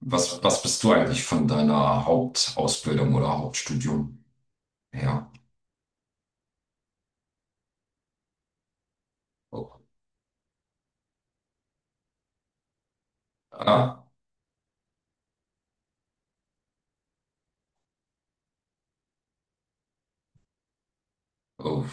Was bist du eigentlich von deiner Hauptausbildung oder Hauptstudium her? Oh, ah, oh.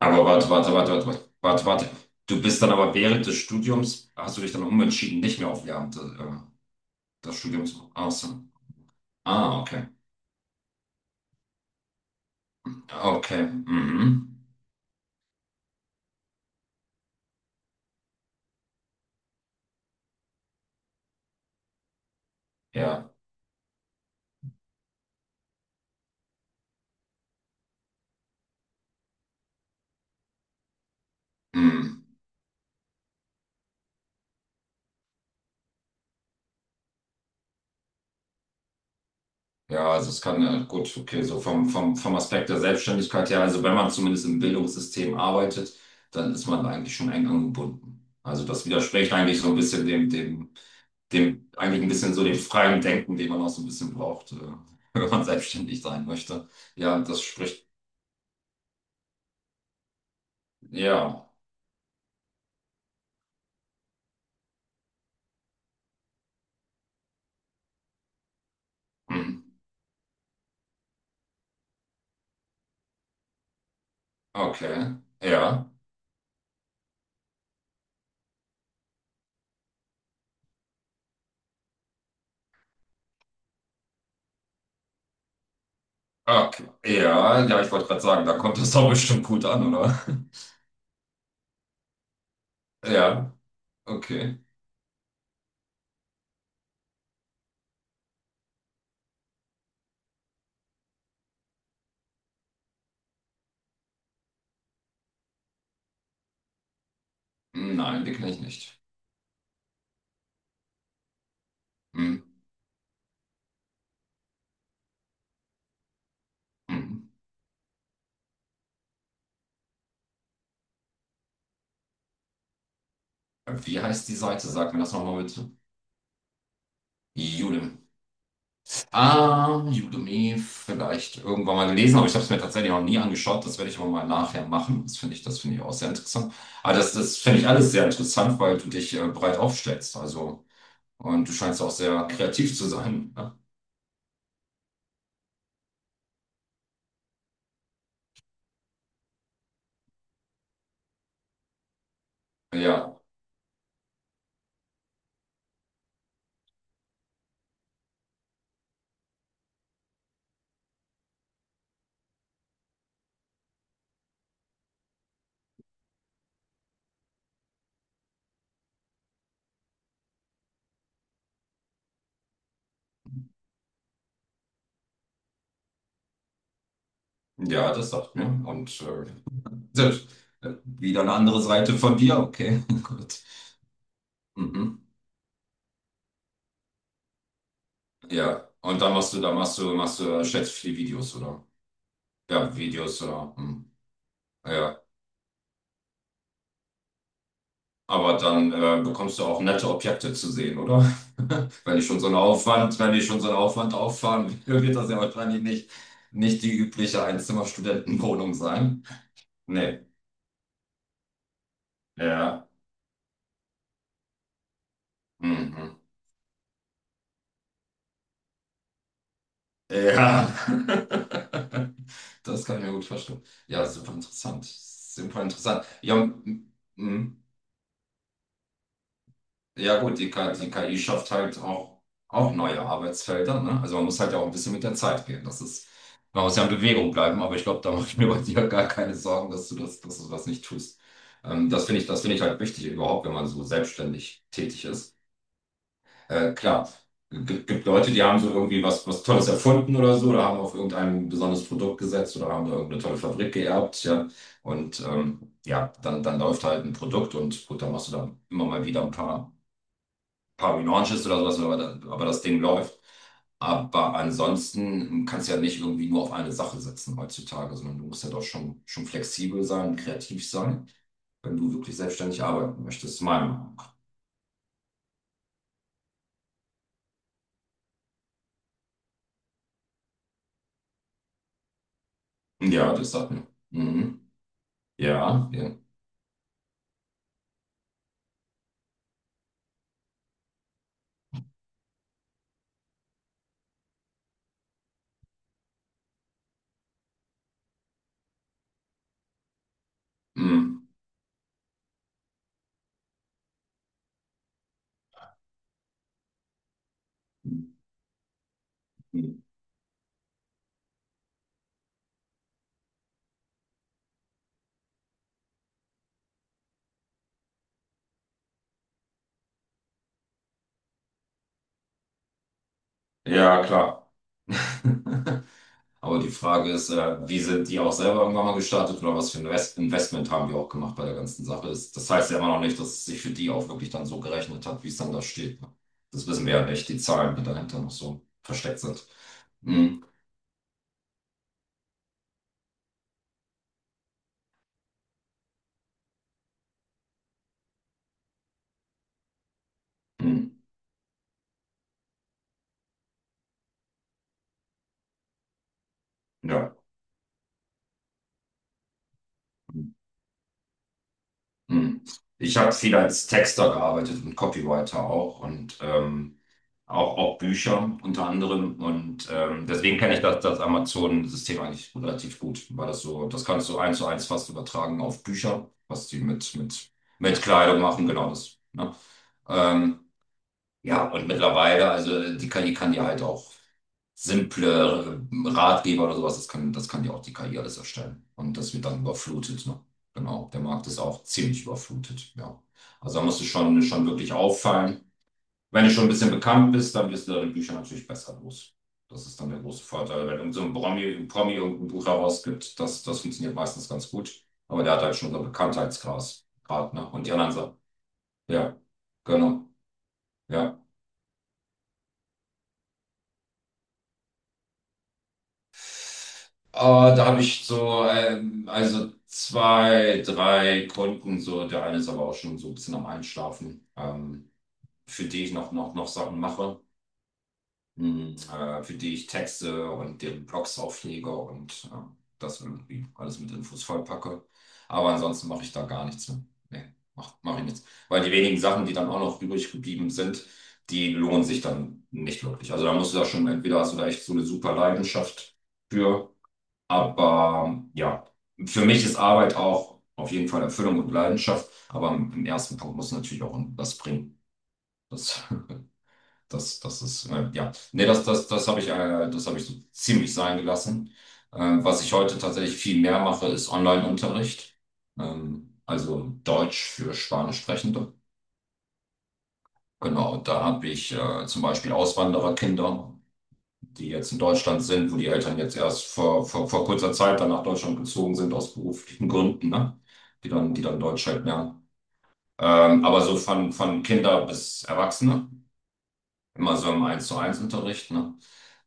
Aber warte, warte, warte, warte, warte, warte, warte. Du bist dann aber während des Studiums, hast du dich dann umentschieden, nicht mehr auf Lehramt, das Studium zu machen? Ach so. Ah, okay. Okay. Mhm. Ja. Mhm. Ja, also es kann, gut, okay, so vom Aspekt der Selbstständigkeit her, also wenn man zumindest im Bildungssystem arbeitet, dann ist man eigentlich schon eng angebunden. Also das widerspricht eigentlich so ein bisschen dem eigentlich ein bisschen so dem freien Denken, den man auch so ein bisschen braucht, wenn man selbstständig sein möchte. Ja, das spricht, ja, hm, okay, ja, okay, ja, ja, ich wollte gerade sagen, da kommt das doch bestimmt gut an, oder? Ja, okay. Nein, die kenne ich nicht. Hm, hm. Wie heißt die Seite? Sag mir das nochmal bitte. Judem. Ah, Udemy vielleicht irgendwann mal gelesen, aber ich habe es mir tatsächlich noch nie angeschaut. Das werde ich aber mal nachher machen. Das finde ich auch sehr interessant. Aber das finde ich alles sehr interessant, weil du dich breit aufstellst. Also, und du scheinst auch sehr kreativ zu sein, ne? Ja, ja, das sagt mir. Und selbst, wieder eine andere Seite von dir. Okay, gut. Mhm. Ja. Und dann machst du, da machst du, stellst du viele Videos oder? Ja, Videos oder. Hm. Ja. Aber dann bekommst du auch nette Objekte zu sehen, oder? Wenn ich schon so einen Aufwand, wenn ich schon so einen Aufwand auffahren will, wird das ja wahrscheinlich nicht, nicht die übliche Einzimmer-Studentenwohnung sein. Nee, ja. Mhm. Ja. Das kann ich mir gut verstehen. Ja, super interessant. Super interessant. Ja, m- Ja gut, die KI, die KI schafft halt auch neue Arbeitsfelder, ne? Also man muss halt ja auch ein bisschen mit der Zeit gehen. Das ist, man muss ja in Bewegung bleiben, aber ich glaube, da mache ich mir bei dir gar keine Sorgen, dass du das nicht tust. Das finde ich halt wichtig überhaupt, wenn man so selbstständig tätig ist. Klar, gibt Leute, die haben so irgendwie was, was Tolles erfunden oder so, oder haben auf irgendein besonderes Produkt gesetzt oder haben da irgendeine tolle Fabrik geerbt, ja. Und ja, dann läuft halt ein Produkt und gut, dann machst du da immer mal wieder ein paar Relaunches oder sowas, aber, aber das Ding läuft. Aber ansonsten kannst du ja nicht irgendwie nur auf eine Sache setzen heutzutage, sondern du musst ja doch schon flexibel sein, kreativ sein, wenn du wirklich selbstständig arbeiten möchtest, meiner Meinung nach. Ja, das sagt man. Mhm. Ja, ja. Mhm. Mhm. Ja, klar. Aber die Frage ist, wie sind die auch selber irgendwann mal gestartet oder was für ein Investment haben die auch gemacht bei der ganzen Sache? Das heißt ja immer noch nicht, dass es sich für die auch wirklich dann so gerechnet hat, wie es dann da steht. Ne? Das wissen wir ja nicht, die Zahlen, die dahinter noch so versteckt sind. Hm, hm, ja. Hm. Hm. Ich habe viel als Texter gearbeitet und Copywriter auch und auch Bücher unter anderem. Und deswegen kenne ich das Amazon-System eigentlich relativ gut, weil das so, das kannst du eins zu eins fast übertragen auf Bücher, was die mit, mit Kleidung machen, genau das. Ne? Ähm, ja, und mittlerweile, also die KI kann dir halt auch simple Ratgeber oder sowas, das kann dir auch die KI alles erstellen. Und das wird dann überflutet, ne? Genau, der Markt ist auch ziemlich überflutet, ja. Also da musst du schon wirklich auffallen. Wenn du schon ein bisschen bekannt bist, dann wirst du deine Bücher natürlich besser los. Das ist dann der große Vorteil. Wenn irgend so ein Promi irgendein Buch herausgibt, das funktioniert meistens ganz gut. Aber der hat halt schon so einen Bekanntheitsgrad, Grad, ne? Und die anderen so. Ja, genau. Ja. Äh, da habe ich so, also zwei, drei Kunden, so, der eine ist aber auch schon so ein bisschen am Einschlafen, für die ich noch Sachen mache. Mhm. Für die ich Texte und den Blogs auflege und das irgendwie alles mit Infos vollpacke. Aber ansonsten mache ich da gar nichts mehr. Nee, mach ich nichts. Weil die wenigen Sachen, die dann auch noch übrig geblieben sind, die lohnen sich dann nicht wirklich. Also da musst du da schon, entweder hast du da echt so eine super Leidenschaft für, aber ja, für mich ist Arbeit auch auf jeden Fall Erfüllung und Leidenschaft, aber im ersten Punkt muss natürlich auch was bringen. Das Das ist, ja, nee, das habe ich so ziemlich sein gelassen. Äh, was ich heute tatsächlich viel mehr mache, ist Online-Unterricht. Also Deutsch für Spanischsprechende. Genau, da habe ich zum Beispiel Auswandererkinder, die jetzt in Deutschland sind, wo die Eltern jetzt erst vor kurzer Zeit dann nach Deutschland gezogen sind, aus beruflichen Gründen, ne? Die dann Deutsch halt lernen. Aber so von Kinder bis Erwachsene, immer so im Eins zu eins Unterricht, ne?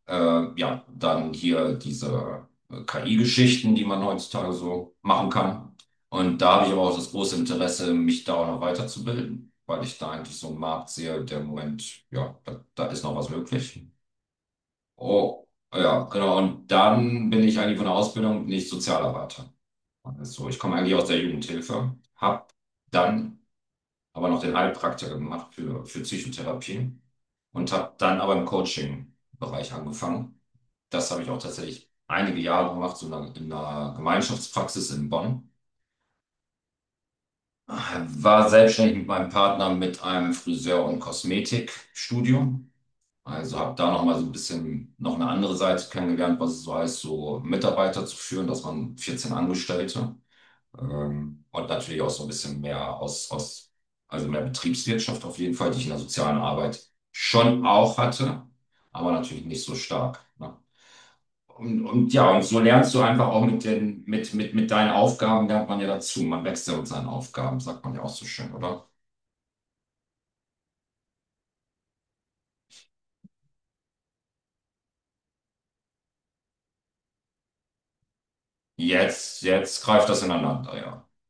Ja, dann hier diese KI-Geschichten, die man heutzutage so machen kann. Und da habe ich aber auch das große Interesse, mich da auch noch weiterzubilden, weil ich da eigentlich so einen Markt sehe, der im Moment, ja, da ist noch was möglich. Oh, ja, genau. Und dann bin ich eigentlich von der Ausbildung nicht Sozialarbeiter. Also ich komme eigentlich aus der Jugendhilfe, habe dann aber noch den Heilpraktiker gemacht für Psychotherapie und habe dann aber im Coaching-Bereich angefangen. Das habe ich auch tatsächlich einige Jahre gemacht, so in einer Gemeinschaftspraxis in Bonn. War selbstständig mit meinem Partner mit einem Friseur- und Kosmetikstudio. Also habe da noch mal so ein bisschen noch eine andere Seite kennengelernt, was es so heißt, so Mitarbeiter zu führen, dass man 14 Angestellte und natürlich auch so ein bisschen mehr also mehr Betriebswirtschaft auf jeden Fall, die ich in der sozialen Arbeit schon auch hatte, aber natürlich nicht so stark. Ne? Und ja, und so lernst du einfach auch mit den, mit deinen Aufgaben lernt man ja dazu. Man wächst ja mit seinen Aufgaben, sagt man ja auch so schön, oder? Jetzt greift das ineinander, ja.